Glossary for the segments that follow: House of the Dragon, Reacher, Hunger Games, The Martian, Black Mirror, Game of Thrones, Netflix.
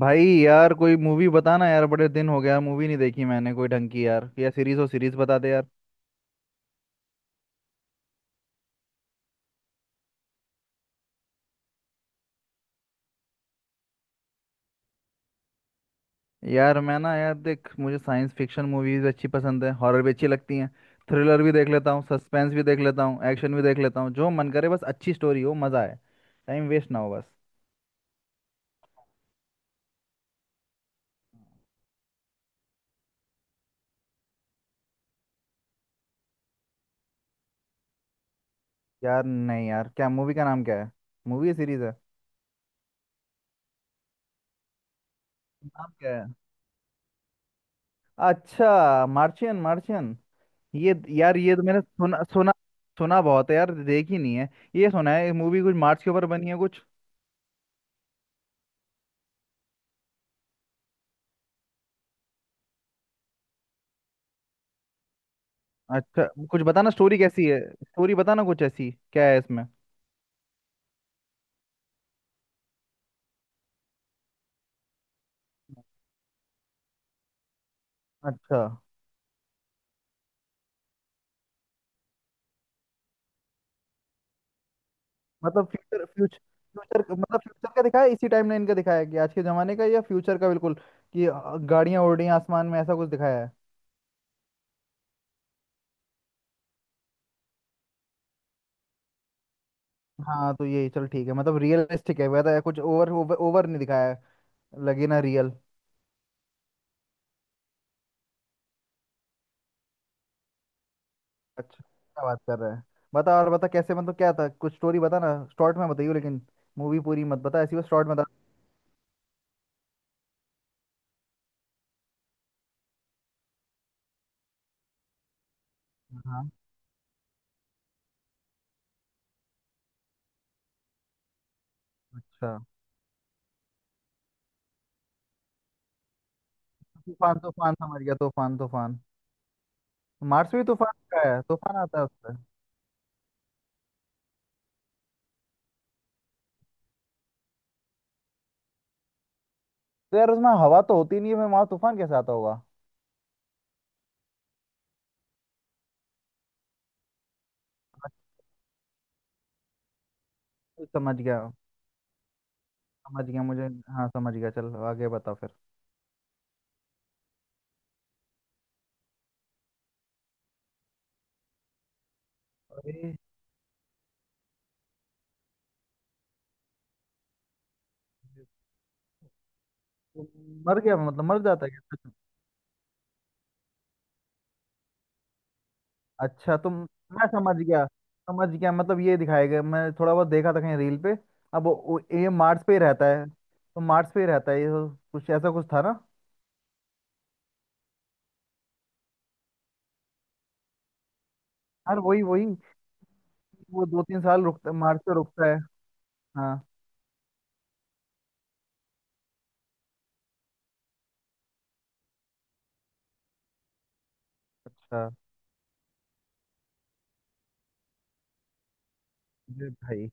भाई यार कोई मूवी बताना यार। बड़े दिन हो गया मूवी नहीं देखी मैंने, कोई ढंग की यार। या सीरीज हो, सीरीज बता दे यार। यार मैं ना, यार देख, मुझे साइंस फिक्शन मूवीज अच्छी पसंद है। हॉरर भी अच्छी लगती हैं। थ्रिलर भी देख लेता हूँ, सस्पेंस भी देख लेता हूँ, एक्शन भी देख लेता हूँ। जो मन करे, बस अच्छी स्टोरी हो, मज़ा आए। टाइम वेस्ट ना हो बस। यार नहीं यार, क्या मूवी का नाम क्या है? मूवी या सीरीज है? नाम क्या है? अच्छा, मार्शियन मार्शियन। ये यार ये तो मैंने सुना सुना। सुना बहुत है यार, देखी नहीं है। ये सुना है मूवी कुछ मार्स के ऊपर बनी है कुछ। अच्छा, कुछ बताना स्टोरी कैसी है। स्टोरी बताना कुछ, ऐसी क्या है इसमें। अच्छा। मतलब फ्यूचर फ्यूचर। फ्यूचर मतलब फ्यूचर का दिखाया है, इसी टाइमलाइन का दिखाया है कि आज के जमाने का या फ्यूचर का। बिल्कुल कि गाड़ियां उड़ रही हैं आसमान में, ऐसा कुछ दिखाया है? हाँ तो यही चल ठीक है। मतलब रियलिस्टिक है, वैसा कुछ ओवर ओवर, ओवर नहीं दिखाया है। लगे ना रियल। अच्छा, क्या बात कर रहा है। बता और बता कैसे, मतलब क्या था कुछ, स्टोरी बता ना। शॉर्ट में बताइयो लेकिन। मूवी पूरी मत बता, ऐसी बस शॉर्ट में बता। हाँ। अच्छा। तूफान तूफान समझ गया, तूफान तूफान। मार्स भी तूफान का है? तूफान आता है उससे? तो यार उसमें हवा तो होती नहीं है, मैं वहां तूफान कैसे आता होगा? समझ गया। समझ गया मुझे। हाँ समझ गया, चल आगे बताओ फिर। अरे। तुम। मर गया मतलब, मर जाता है क्या? अच्छा। तुम। मैं समझ गया। समझ गया मतलब ये दिखाया गया, मैं थोड़ा बहुत देखा था कहीं रील पे। अब ये मार्स पे ही रहता है, तो मार्स पे ही रहता है ये, तो कुछ ऐसा कुछ था ना। यार वही वही। वो दो तीन साल रुकता, मार्स पे रुकता है। हाँ। अच्छा। अरे भाई।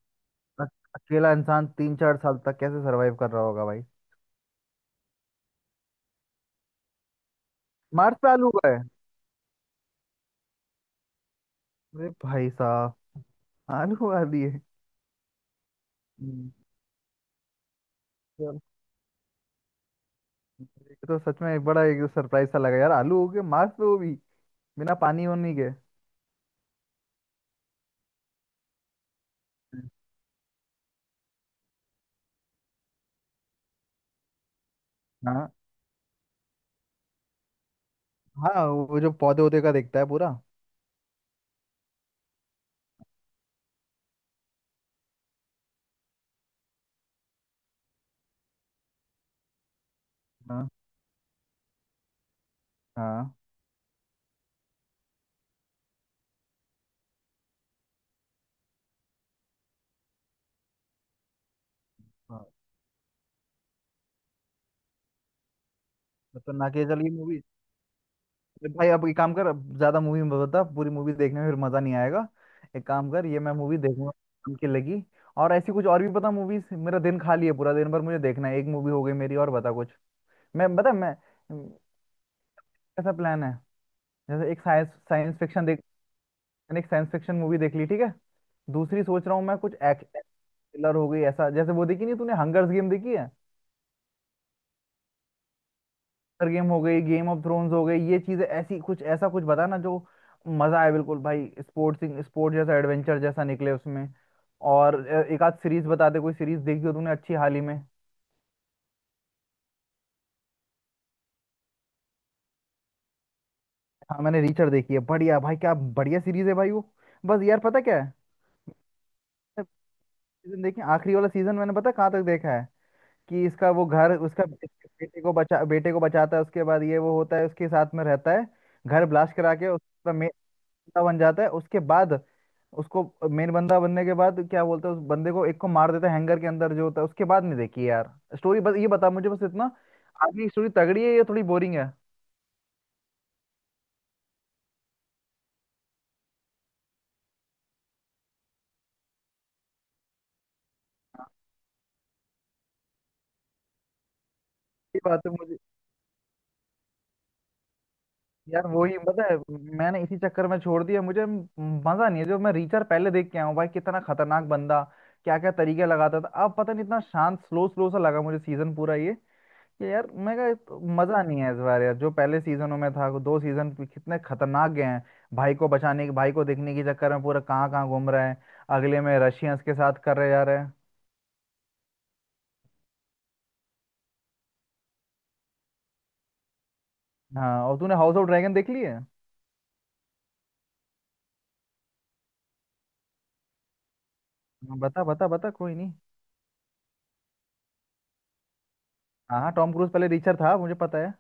अक- अकेला इंसान तीन चार साल तक कैसे सरवाइव कर रहा होगा भाई? मार्स पे आलू हुआ है? अरे भाई साहब। आलू आ दिए। हम्म, चल, ये तो सच में एक बड़ा, एक सरप्राइज सा लगा यार। आलू हो गए मार्स पे, वो भी बिना पानी होने के। हाँ हाँ। वो जो पौधे वौधे का देखता है पूरा। हाँ हाँ हाँ, खतरनाक है। चलिए मूवी। भाई अब ये काम कर, अब ज्यादा मूवी में बता, पूरी मूवी देखने में फिर मजा नहीं आएगा। एक काम कर, ये मैं मूवी देखूंगा। काम की लगी। और ऐसी कुछ और भी पता मूवीज, मेरा दिन खाली है पूरा, दिन भर मुझे देखना है। एक मूवी हो गई मेरी, और बता कुछ। मैं बता मैं, कैसा प्लान है। जैसे एक साइंस साइंस फिक्शन देख। मैंने एक साइंस फिक्शन मूवी देख ली, ठीक है। दूसरी सोच रहा हूँ मैं कुछ एक्शन थ्रिलर हो गई ऐसा। जैसे, वो देखी नहीं तूने हंगर्स गेम देखी है? Hunger गेम हो गई, गेम ऑफ थ्रोन्स हो गई, ये चीजें ऐसी, कुछ ऐसा कुछ बता ना जो मजा आए। बिल्कुल भाई, स्पोर्ट्स स्पोर्ट जैसा, एडवेंचर जैसा निकले उसमें। और एक आध सीरीज बता दे, कोई सीरीज देखी हो तूने अच्छी हाल ही में। हाँ मैंने रीचर देखी है। बढ़िया भाई, क्या बढ़िया सीरीज है भाई वो। बस यार पता क्या है, सीजन देखिए आखिरी वाला सीजन, मैंने पता कहाँ तक देखा है कि इसका वो घर उसका, इसके बेटे को बचा, बेटे को बचाता है, उसके बाद ये वो होता है उसके साथ में रहता है, घर ब्लास्ट करा के उसका बंदा बन जाता है उसके बाद। उसको मेन बंदा बनने के बाद क्या बोलते हैं उस बंदे को, एक को मार देता है हैंगर के अंदर जो होता है, उसके बाद नहीं देखी यार स्टोरी। बस ये बता मुझे, बस इतना आगे की स्टोरी तगड़ी है या थोड़ी बोरिंग है? हाँ। ये बात है मुझे। यार वही पता है, मैंने इसी चक्कर में छोड़ दिया। मजा नहीं है। जो मैं रीचर पहले देख के आया हूँ भाई, कितना खतरनाक बंदा, क्या क्या तरीके लगाता था, अब पता नहीं इतना शांत स्लो स्लो सा लगा मुझे सीजन पूरा ये। कि यार मैं कहा मजा नहीं है इस बार यार, जो पहले सीजनों में था दो सीजन कितने खतरनाक गए हैं। भाई को बचाने की, भाई को देखने के चक्कर में पूरा कहाँ कहाँ घूम रहे हैं, अगले में रशियंस के साथ कर रहे जा रहे हैं। हाँ, और तूने हाउस ऑफ ड्रैगन देख ली है? हाँ, बता बता बता, कोई नहीं। हाँ हाँ, टॉम क्रूज पहले रिचर था मुझे पता है।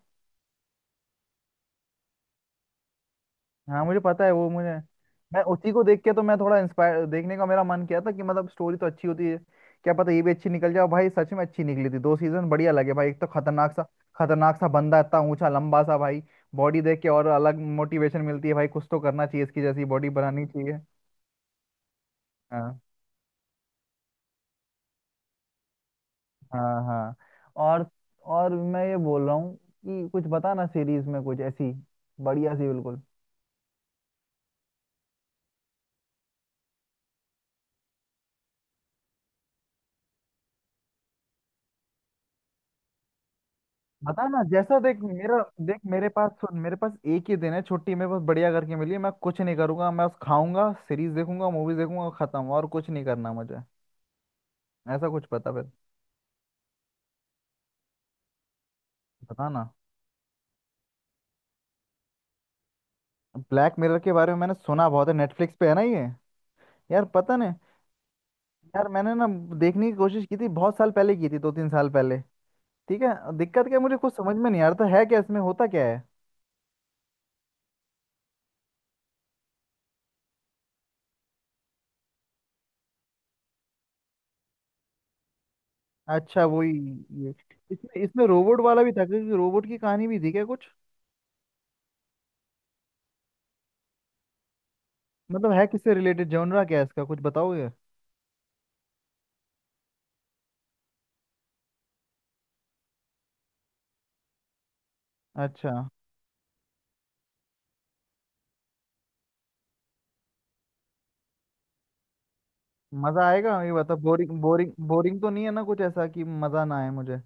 हाँ मुझे पता है वो। मुझे मैं उसी को देख के तो मैं थोड़ा इंस्पायर, देखने का मेरा मन किया था कि मतलब स्टोरी तो अच्छी होती है, क्या पता ये भी अच्छी निकल जाए। और भाई सच में अच्छी निकली थी, दो सीजन बढ़िया लगे भाई। एक तो खतरनाक सा, खतरनाक सा बंदा, इतना ऊंचा लंबा सा भाई। बॉडी देख के और अलग मोटिवेशन मिलती है भाई, कुछ तो करना चाहिए इसकी जैसी बॉडी बनानी चाहिए। हाँ हाँ हाँ। और और मैं ये बोल रहा हूँ कि कुछ बता ना सीरीज में कुछ ऐसी बढ़िया सी बिल्कुल। बता ना, जैसा देख मेरा, देख मेरे पास, सुन मेरे पास एक ही दिन है छुट्टी, मेरे पास बढ़िया करके मिली है। मैं कुछ नहीं करूंगा, मैं बस खाऊंगा, सीरीज देखूंगा, मूवीज देखूंगा, खत्म। और कुछ नहीं करना मुझे। ऐसा कुछ पता फिर, बता ना। ब्लैक मिरर के बारे में मैंने सुना बहुत है, नेटफ्लिक्स पे है ना ये? यार पता नहीं, यार मैंने ना देखने की कोशिश की थी बहुत साल पहले की थी, दो तीन साल पहले। ठीक है दिक्कत क्या है, मुझे कुछ समझ में नहीं आ रहा था है क्या इसमें, होता क्या है? अच्छा वही ये, इसमें इसमें रोबोट वाला भी था क्योंकि, रोबोट की कहानी भी थी क्या कुछ? मतलब है किससे रिलेटेड, जॉनरा क्या है इसका कुछ बताओगे? अच्छा। मजा आएगा ये बता, बोरिंग बोरिंग बोरिंग तो नहीं है ना कुछ ऐसा कि मजा ना आए मुझे?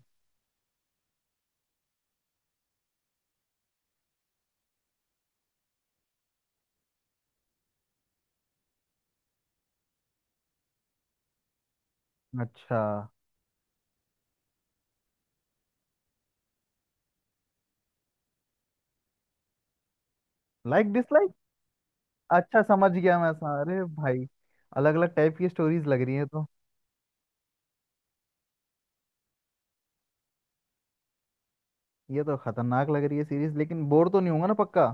अच्छा। Like dislike? अच्छा समझ गया मैं, अरे भाई अलग अलग टाइप की स्टोरीज लग रही है तो। ये तो खतरनाक लग रही है सीरीज, लेकिन बोर तो नहीं होगा ना पक्का?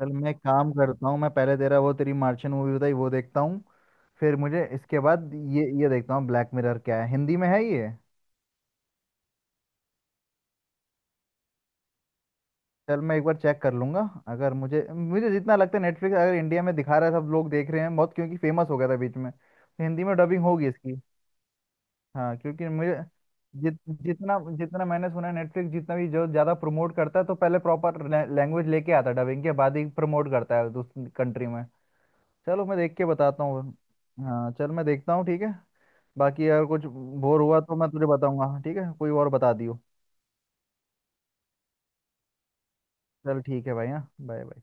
चल मैं काम करता हूँ, मैं पहले तेरा वो तेरी मार्शियन मूवी बताई वो देखता हूँ, फिर मुझे इसके बाद ये देखता हूँ। ब्लैक मिरर क्या है, हिंदी में है ये? चल मैं एक बार चेक कर लूंगा। अगर मुझे मुझे जितना लगता है नेटफ्लिक्स अगर इंडिया में दिखा रहा है, सब लोग देख रहे हैं बहुत क्योंकि फेमस हो गया था बीच में, तो हिंदी में डबिंग होगी इसकी। हाँ क्योंकि मुझे, जित जितना जितना मैंने सुना है नेटफ्लिक्स जितना भी जो ज़्यादा प्रमोट करता है, तो पहले प्रॉपर लैंग्वेज लेके आता है डबिंग के बाद ही, प्रमोट करता है उस कंट्री में। चलो मैं देख के बताता हूँ। हाँ चल मैं देखता हूँ ठीक है। बाकी अगर कुछ बोर हुआ तो मैं तुझे बताऊंगा, ठीक है कोई और बता दियो। चल ठीक है भाई, हाँ बाय बाय।